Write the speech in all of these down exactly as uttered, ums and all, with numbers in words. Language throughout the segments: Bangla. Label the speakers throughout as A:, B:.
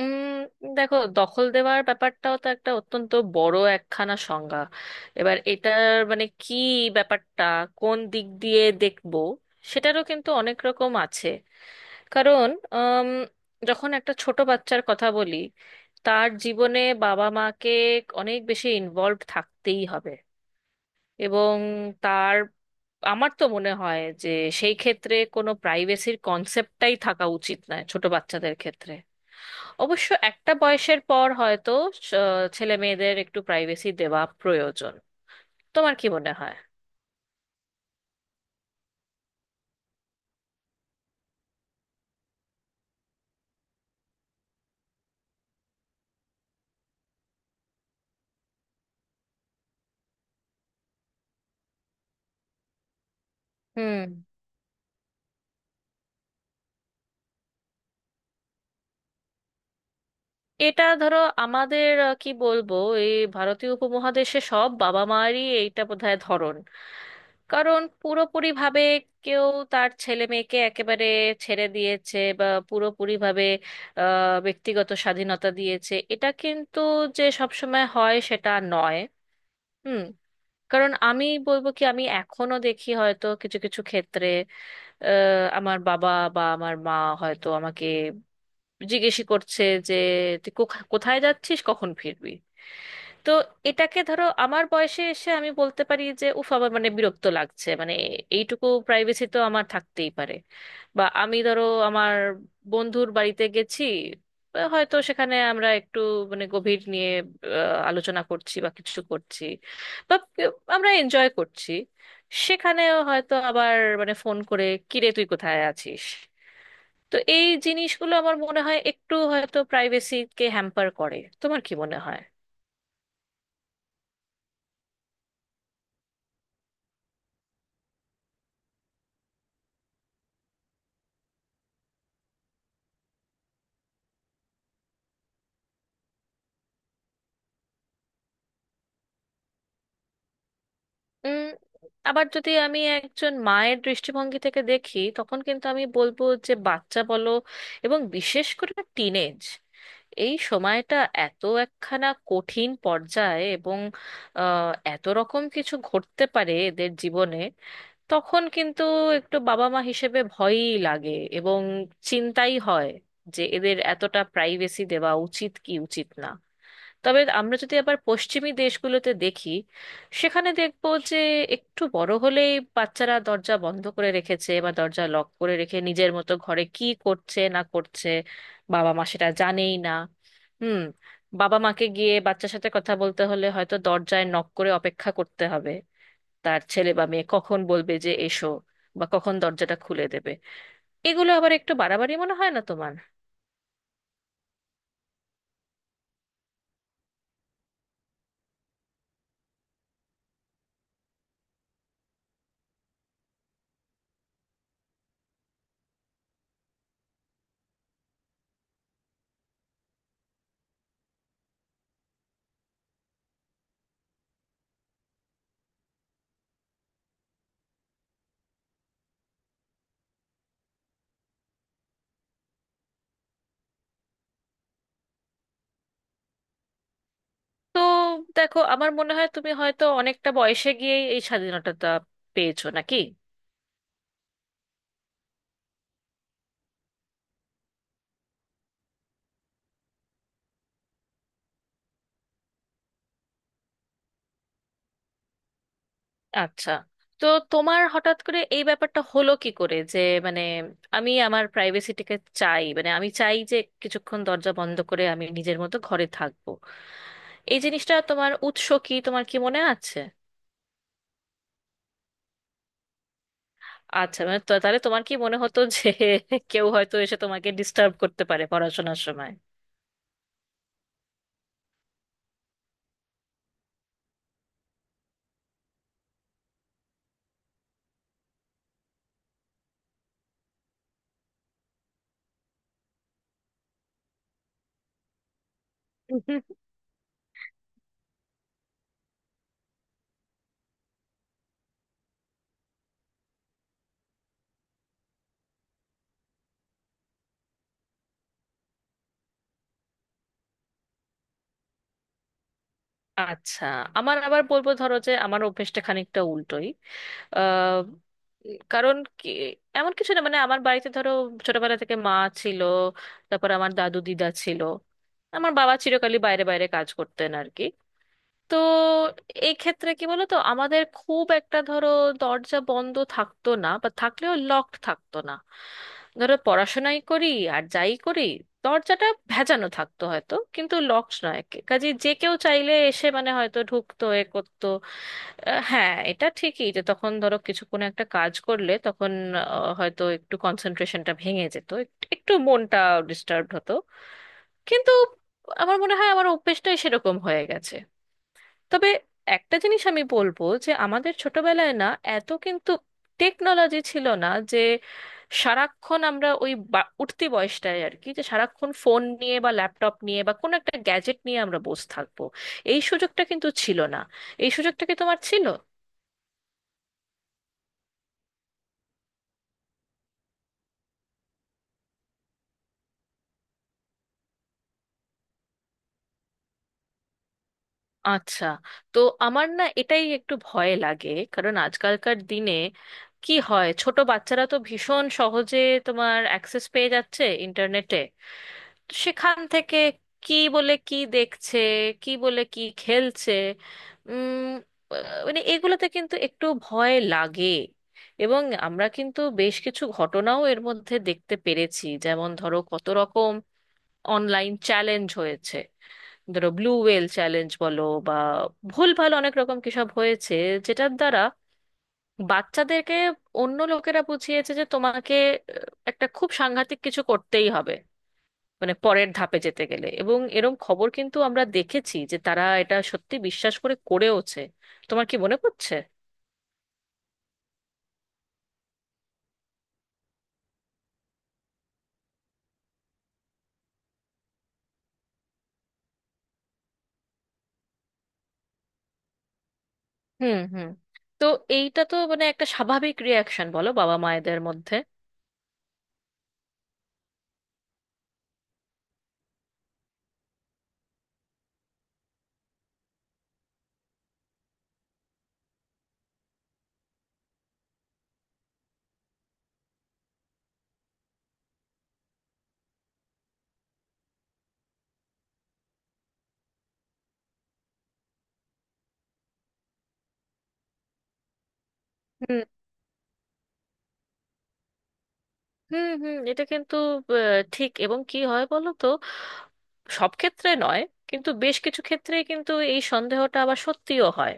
A: উম দেখো, দখল দেওয়ার ব্যাপারটাও তো একটা অত্যন্ত বড় একখানা সংজ্ঞা। এবার এটার মানে কি, ব্যাপারটা কোন দিক দিয়ে দেখবো, সেটারও কিন্তু অনেক রকম আছে। কারণ উম, যখন একটা ছোট বাচ্চার কথা বলি, তার জীবনে বাবা মাকে অনেক বেশি ইনভলভ থাকতেই হবে। এবং তার আমার তো মনে হয় যে সেই ক্ষেত্রে কোনো প্রাইভেসির কনসেপ্টটাই থাকা উচিত নয় ছোট বাচ্চাদের ক্ষেত্রে। অবশ্য একটা বয়সের পর হয়তো ছেলে মেয়েদের একটু প্রাইভেসি দেওয়া প্রয়োজন। তোমার কি মনে হয়? হুম। এটা ধরো আমাদের আহ, কি বলবো, এই ভারতীয় উপমহাদেশে সব বাবা মায়েরই এইটা বোধহয় ধরন। কারণ পুরোপুরি ভাবে কেউ তার ছেলে মেয়েকে একেবারে ছেড়ে দিয়েছে বা পুরোপুরি ভাবে আহ, ব্যক্তিগত স্বাধীনতা দিয়েছে, এটা কিন্তু যে সবসময় হয় সেটা নয়। হুম। কারণ আমি বলবো কি, আমি এখনো দেখি হয়তো কিছু কিছু ক্ষেত্রে আহ, আমার বাবা বা আমার মা হয়তো আমাকে জিজ্ঞেসই করছে যে তুই কোখা- কোথায় যাচ্ছিস, কখন ফিরবি। তো এটাকে ধরো আমার বয়সে এসে আমি বলতে পারি যে উফ, আমার মানে বিরক্ত লাগছে, মানে এইটুকু প্রাইভেসি তো আমার থাকতেই পারে। বা আমি ধরো আমার বন্ধুর বাড়িতে গেছি, বা হয়তো সেখানে আমরা একটু মানে গভীর নিয়ে আহ, আলোচনা করছি বা কিছু করছি, বা আমরা এনজয় করছি, সেখানেও হয়তো আবার মানে ফোন করে কিরে তুই কোথায় আছিস। তো এই জিনিসগুলো আমার মনে হয় একটু হয়তো প্রাইভেসিকে হ্যাম্পার করে। তোমার কি মনে হয়? উম, আবার যদি আমি একজন মায়ের দৃষ্টিভঙ্গি থেকে দেখি তখন কিন্তু আমি বলবো যে বাচ্চা বলো এবং বিশেষ করে টিনেজ, এই সময়টা এত একখানা কঠিন পর্যায়ে, এবং আহ, এত রকম কিছু ঘটতে পারে এদের জীবনে। তখন কিন্তু একটু বাবা মা হিসেবে ভয়ই লাগে এবং চিন্তাই হয় যে এদের এতটা প্রাইভেসি দেওয়া উচিত কি উচিত না। তবে আমরা যদি আবার পশ্চিমী দেশগুলোতে দেখি, সেখানে দেখব যে একটু বড় হলেই বাচ্চারা দরজা বন্ধ করে রেখেছে বা দরজা লক করে রেখে নিজের মতো ঘরে কি করছে না করছে, বাবা মা সেটা জানেই না। হুম। বাবা মাকে গিয়ে বাচ্চার সাথে কথা বলতে হলে হয়তো দরজায় নক করে অপেক্ষা করতে হবে তার ছেলে বা মেয়ে কখন বলবে যে এসো, বা কখন দরজাটা খুলে দেবে। এগুলো আবার একটু বাড়াবাড়ি মনে হয় না তোমার? তো দেখো, আমার মনে হয় তুমি হয়তো অনেকটা বয়সে গিয়েই এই স্বাধীনতাটা পেয়েছো নাকি? আচ্ছা, তো তোমার হঠাৎ করে এই ব্যাপারটা হলো কি করে যে মানে আমি আমার প্রাইভেসিটাকে চাই, মানে আমি চাই যে কিছুক্ষণ দরজা বন্ধ করে আমি নিজের মতো ঘরে থাকবো। এই জিনিসটা তোমার উৎস কি, তোমার কি মনে আছে? আচ্ছা, মানে তো- তাহলে তোমার কি মনে হতো যে কেউ হয়তো এসে তোমাকে ডিস্টার্ব করতে পারে পড়াশোনার সময়? আচ্ছা। আমার আবার বলবো ধরো যে আমার অভ্যেসটা খানিকটা উল্টোই। আহ, কারণ কি এমন কিছু না, মানে আমার বাড়িতে ধরো ছোটবেলা থেকে মা ছিল, তারপর আমার দাদু দিদা ছিল, আমার বাবা চিরকালই বাইরে বাইরে কাজ করতেন আর কি। তো এই ক্ষেত্রে কি বলতো, আমাদের খুব একটা ধরো দরজা বন্ধ থাকতো না বা থাকলেও লকড থাকতো না। ধরো পড়াশোনাই করি আর যাই করি, দরজাটা ভেজানো থাকতো হয়তো কিন্তু লকড নয়। কাজে যে কেউ চাইলে এসে মানে হয়তো ঢুকতো এ করতো। আহ, হ্যাঁ, এটা ঠিকই যে তখন ধরো কিছু কোনো একটা কাজ করলে তখন আহ, হয়তো একটু কনসেন্ট্রেশনটা ভেঙে যেত, এক- একটু মনটা ডিস্টার্ব হতো, কিন্তু আমার মনে হয় আমার অভ্যেসটাই সেরকম হয়ে গেছে। তবে একটা জিনিস আমি বলবো যে আমাদের ছোটবেলায় না এত কিন্তু টেকনোলজি ছিল না যে সারাক্ষণ আমরা ওই বা- উঠতি বয়সটায় আর কি, যে সারাক্ষণ ফোন নিয়ে বা ল্যাপটপ নিয়ে বা কোনো একটা গ্যাজেট নিয়ে আমরা বসে থাকবো, এই সুযোগটা কিন্তু ছিল না। এই সুযোগটা কি তোমার ছিল? আচ্ছা। তো আমার না এটাই একটু ভয় লাগে, কারণ আজকালকার দিনে কি হয়, ছোট বাচ্চারা তো ভীষণ সহজে তোমার অ্যাক্সেস পেয়ে যাচ্ছে ইন্টারনেটে, তো সেখান থেকে কি বলে কি দেখছে, কি বলে কি খেলছে, উম আহ, মানে এগুলোতে কিন্তু একটু ভয় লাগে। এবং আমরা কিন্তু বেশ কিছু ঘটনাও এর মধ্যে দেখতে পেরেছি, যেমন ধরো কত রকম অনলাইন চ্যালেঞ্জ হয়েছে, ধরো ব্লু ওয়েল চ্যালেঞ্জ বলো বা ভুলভাল অনেক রকম কিসব হয়েছে, যেটার দ্বারা বাচ্চাদেরকে অন্য লোকেরা বুঝিয়েছে যে তোমাকে আহ, একটা খুব সাংঘাতিক কিছু করতেই হবে মানে পরের ধাপে যেতে গেলে, এবং এরম খবর কিন্তু আমরা দেখেছি যে তারা এটা সত্যি বিশ্বাস করে করেওছে। তোমার কি মনে পড়ছে? হুম, হুম। তো এইটা তো মানে একটা স্বাভাবিক রিয়াকশন বলো বাবা মায়েদের মধ্যে। হুম, হুম। হুম, এটা কিন্তু আহ, ঠিক। এবং কি হয় বলো তো, সব ক্ষেত্রে নয় কিন্তু বেশ কিছু ক্ষেত্রেই কিন্তু এই সন্দেহটা আবার সত্যিও হয়।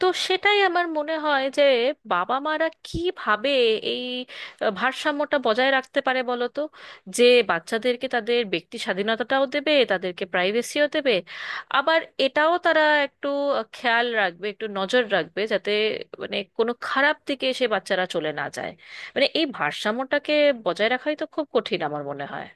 A: তো সেটাই আমার মনে হয় যে বাবা মারা কিভাবে এই আহ, ভারসাম্যটা বজায় রাখতে পারে বলো তো, যে বাচ্চাদেরকে তাদের ব্যক্তি স্বাধীনতাটাও দেবে, তাদেরকে প্রাইভেসিও দেবে, আবার এটাও তারা একটু আহ, খেয়াল রাখবে, একটু নজর রাখবে যাতে মানে কোনো খারাপ দিকে সে বাচ্চারা চলে না যায়। মানে এই ভারসাম্যটাকে বজায় রাখাই তো খুব কঠিন আমার মনে হয়।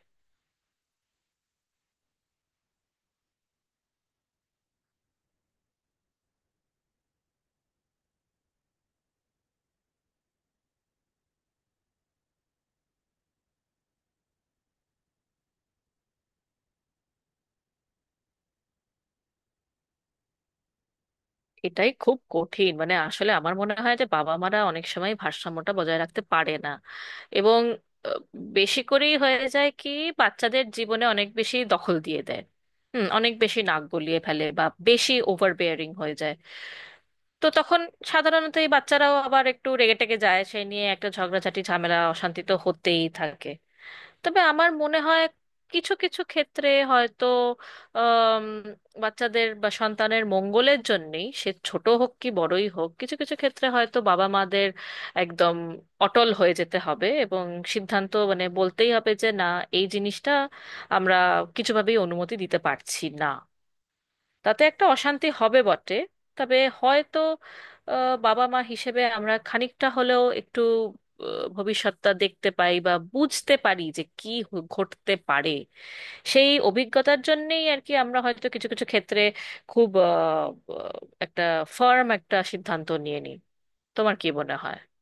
A: এটাই খুব কঠিন, মানে আসলে আমার মনে হয় যে বাবা মারা অনেক সময় ভারসাম্যটা বজায় রাখতে পারে না, এবং আহ, বেশি করেই হয়ে যায় কি বাচ্চাদের জীবনে অনেক বেশি দখল দিয়ে দেয়, হুম, অনেক বেশি নাক গলিয়ে ফেলে বা বেশি ওভার বেয়ারিং হয়ে যায়। তো তখন সাধারণত এই বাচ্চারাও আবার একটু রেগে টেগে যায়, সেই নিয়ে একটা ঝগড়াঝাটি ঝামেলা অশান্তি তো হতেই থাকে। তবে আমার মনে হয় কিছু কিছু ক্ষেত্রে হয়তো আম, বাচ্চাদের বা সন্তানের মঙ্গলের জন্যেই, সে ছোট হোক কি বড়ই হোক, কিছু কিছু ক্ষেত্রে হয়তো বাবা মাদের একদম অটল হয়ে যেতে হবে এবং সিদ্ধান্ত মানে বলতেই হবে যে না, এই জিনিসটা আমরা কিছুভাবেই অনুমতি দিতে পারছি না। তাতে একটা অশান্তি হবে বটে, তবে হয়তো আহ, বাবা মা হিসেবে আমরা খানিকটা হলেও একটু আহ, ভবিষ্যৎটা দেখতে পাই বা বুঝতে পারি যে কি হ- ঘটতে পারে। সেই অভিজ্ঞতার জন্যেই আর কি আমরা হয়তো কিছু কিছু ক্ষেত্রে খুব আহ, আহ, একটা ফার্ম একটা সিদ্ধান্ত নিয়ে নিই। তোমার কি মনে হয়?